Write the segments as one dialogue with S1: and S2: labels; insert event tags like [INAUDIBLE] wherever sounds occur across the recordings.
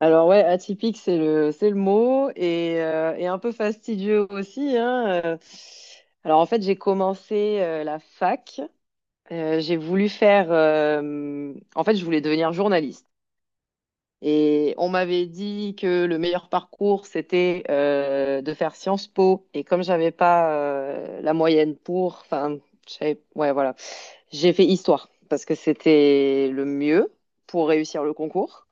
S1: Alors ouais, atypique, c'est le mot et un peu fastidieux aussi, hein. Alors en fait, j'ai commencé la fac. J'ai voulu faire, en fait, je voulais devenir journaliste. Et on m'avait dit que le meilleur parcours, c'était de faire Sciences Po. Et comme j'avais pas la moyenne pour... Enfin, ouais, voilà. J'ai fait histoire parce que c'était le mieux pour réussir le concours.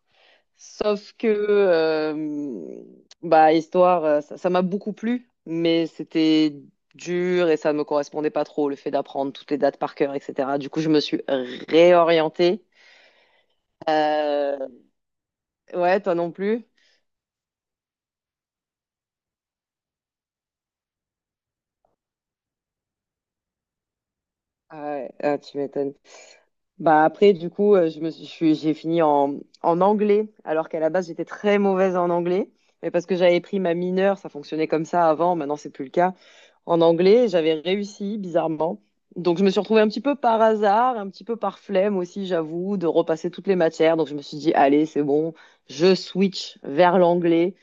S1: Sauf que, bah, histoire, ça m'a beaucoup plu, mais c'était dur et ça ne me correspondait pas trop, le fait d'apprendre toutes les dates par cœur, etc. Du coup, je me suis réorientée. Euh, ouais, toi non plus. Ah ouais, ah, tu m'étonnes. Bah après, du coup, je me j'ai fini en, en anglais, alors qu'à la base, j'étais très mauvaise en anglais. Mais parce que j'avais pris ma mineure, ça fonctionnait comme ça avant, maintenant, c'est plus le cas. En anglais, j'avais réussi, bizarrement. Donc, je me suis retrouvée un petit peu par hasard, un petit peu par flemme aussi, j'avoue, de repasser toutes les matières. Donc, je me suis dit, allez, c'est bon, je switch vers l'anglais.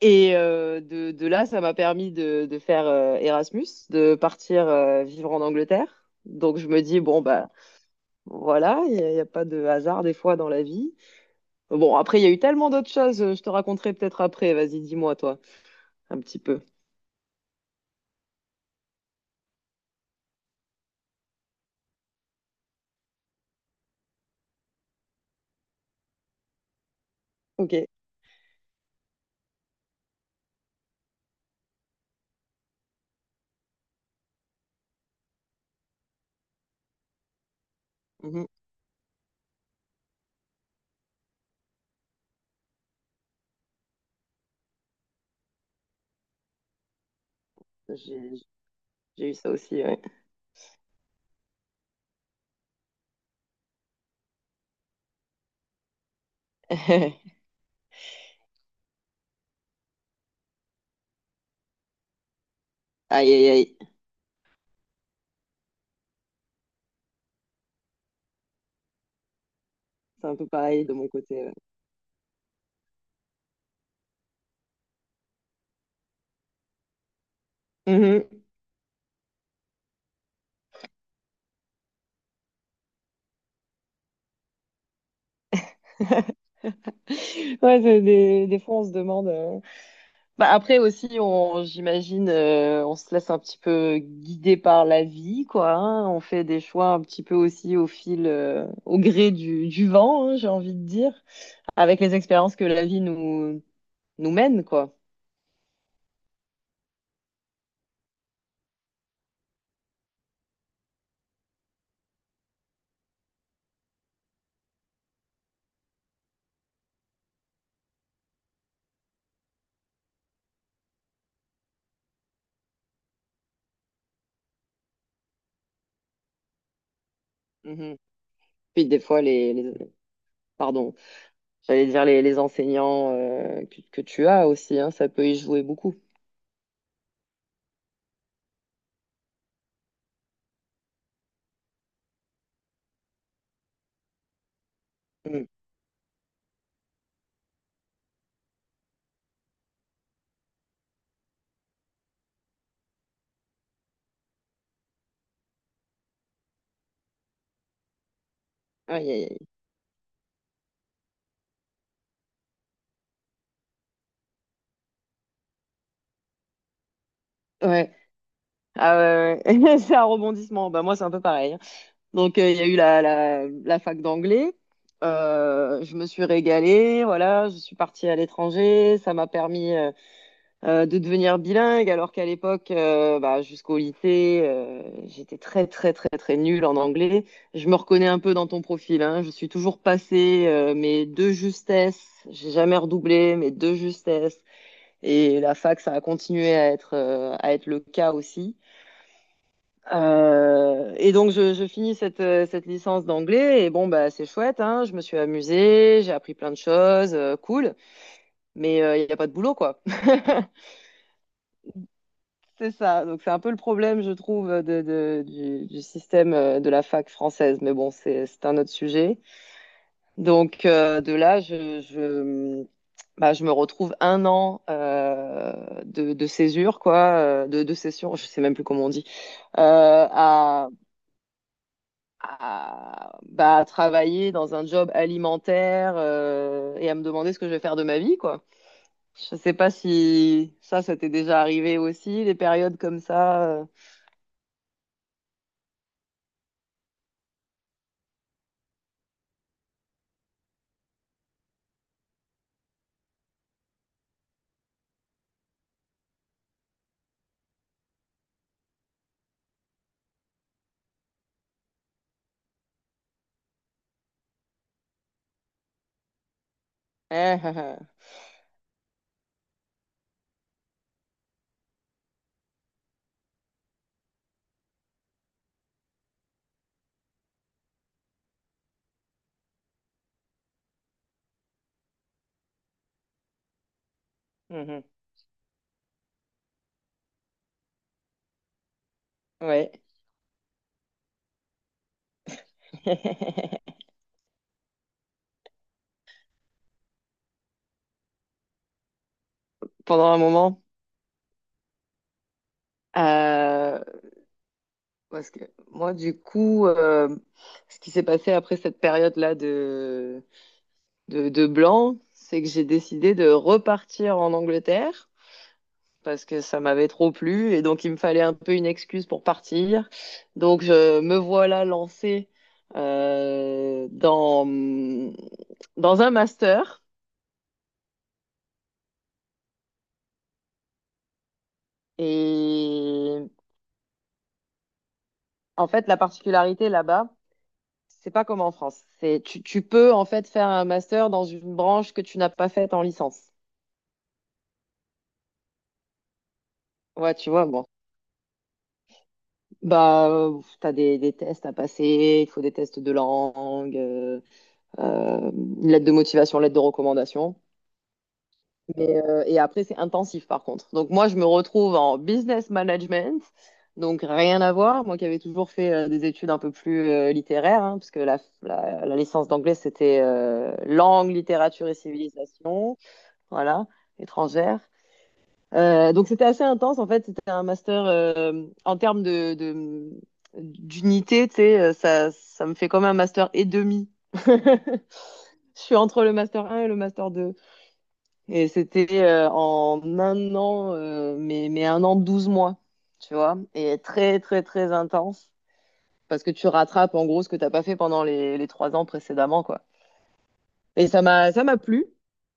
S1: Et de là, ça m'a permis de faire Erasmus, de partir vivre en Angleterre. Donc, je me dis, bon, bah. Voilà, y a pas de hasard des fois dans la vie. Bon, après, il y a eu tellement d'autres choses, je te raconterai peut-être après. Vas-y, dis-moi, toi, un petit peu. Ok. Mhm. J'ai j'ai eu ça aussi, ouais. [LAUGHS] Aïe, aïe, aïe. C'est un peu pareil de mon côté. Ouais. Mhm. [LAUGHS] Ouais, c'est des fois, on se demande. Bah, après aussi, j'imagine, on se laisse un petit peu guider par la vie, quoi. Hein. On fait des choix un petit peu aussi au fil, au gré du vent, hein, j'ai envie de dire. Avec les expériences que la vie nous mène, quoi. Mhm. Puis des fois, pardon, j'allais dire les enseignants que tu as aussi, hein, ça peut y jouer beaucoup. Mhm. Aïe, aïe, aïe. Ouais. Ah ouais, ouais. [LAUGHS] C'est un rebondissement. Bah, moi, c'est un peu pareil. Hein. Donc, il y a eu la fac d'anglais. Je me suis régalée, voilà, je suis partie à l'étranger, ça m'a permis de devenir bilingue, alors qu'à l'époque, bah, jusqu'au lycée, j'étais très, très, très, très nulle en anglais. Je me reconnais un peu dans ton profil, hein. Je suis toujours passée, mais de justesse. J'ai jamais redoublé, mais de justesse. Et la fac, ça a continué à à être le cas aussi. Et donc je finis cette licence d'anglais et bon bah c'est chouette hein, je me suis amusée, j'ai appris plein de choses, cool, mais il n'y a pas de boulot quoi. [LAUGHS] C'est ça. Donc, c'est un peu le problème, je trouve, du système de la fac française. Mais bon, c'est un autre sujet. Donc, de là, bah, je me retrouve un an de césure, quoi, de césure, je sais même plus comment on dit, euh, à, bah, à travailler dans un job alimentaire et à me demander ce que je vais faire de ma vie, quoi. Je sais pas si ça t'est déjà arrivé aussi, des périodes comme ça. euh. [LAUGHS] Mhm. Ouais. [LAUGHS] Pendant un moment. Euh, parce que moi, du coup, ce qui s'est passé après cette période-là de blanc, c'est que j'ai décidé de repartir en Angleterre parce que ça m'avait trop plu et donc il me fallait un peu une excuse pour partir. Donc je me voilà lancée euh, dans, dans un master et en fait, la particularité là-bas, c'est pas comme en France. Tu peux en fait faire un master dans une branche que tu n'as pas faite en licence. Ouais, tu vois, bon. Bah, t'as des tests à passer, il faut des tests de langue, euh, une lettre de motivation, lettre de recommandation. Mais et après, c'est intensif par contre. Donc moi, je me retrouve en business management, donc rien à voir. Moi qui avais toujours fait des études un peu plus littéraires, hein, parce que la licence d'anglais, c'était langue, littérature et civilisation. Voilà, étrangère. Donc c'était assez intense en fait, c'était un master en termes d'unité, tu sais, ça me fait comme un master et demi. [LAUGHS] Je suis entre le master 1 et le master 2. Et c'était en un an, mais un an, 12 mois, tu vois, et très très très intense, parce que tu rattrapes en gros ce que t'as pas fait pendant les trois ans précédemment, quoi. Et ça m'a plu.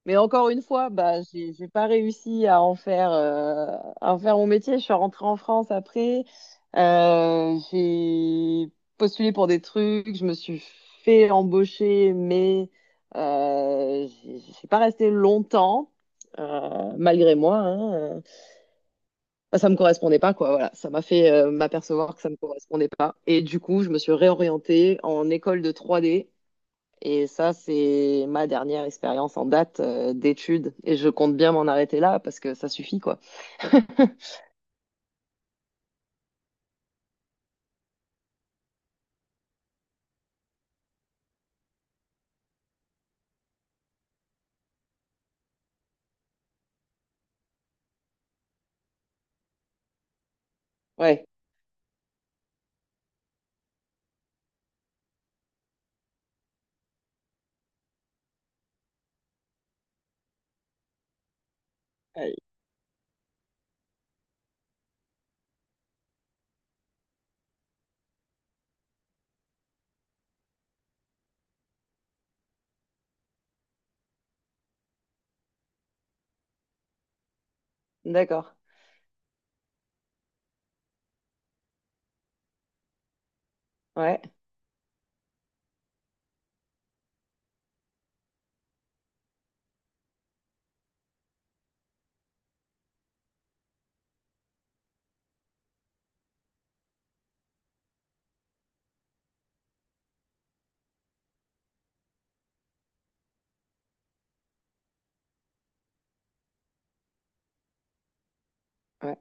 S1: Mais encore une fois, bah, j'ai pas réussi à en faire mon métier. Je suis rentrée en France après. J'ai postulé pour des trucs. Je me suis fait embaucher, mais j'ai pas resté longtemps. Malgré moi, hein. Bah, ça me correspondait pas, quoi. Voilà, ça m'a fait m'apercevoir que ça me correspondait pas. Et du coup, je me suis réorientée en école de 3D et ça, c'est ma dernière expérience en date d'études. Et je compte bien m'en arrêter là parce que ça suffit, quoi. [LAUGHS] Ouais. Ouais. D'accord. Ouais. Ouais.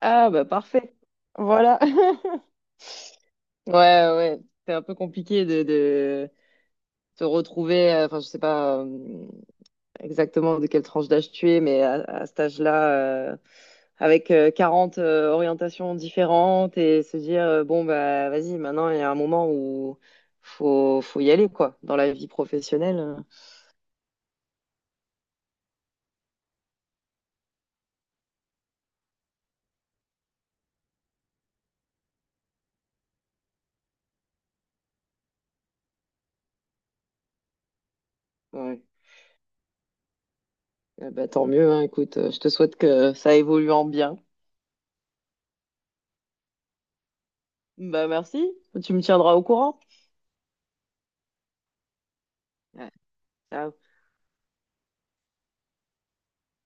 S1: Ah, bah parfait. Voilà. [LAUGHS] Ouais, ouais. C'est un peu compliqué de se retrouver, enfin, je sais pas, exactement de quelle tranche d'âge tu es, mais à cet âge-là, avec 40 orientations différentes et se dire, bon, bah, vas-y, maintenant, il y a un moment où faut, faut y aller, quoi, dans la vie professionnelle. Ouais. Eh ben, tant mieux, hein, écoute, je te souhaite que ça évolue en bien. Bah, merci, tu me tiendras au courant. Ouais. Ciao.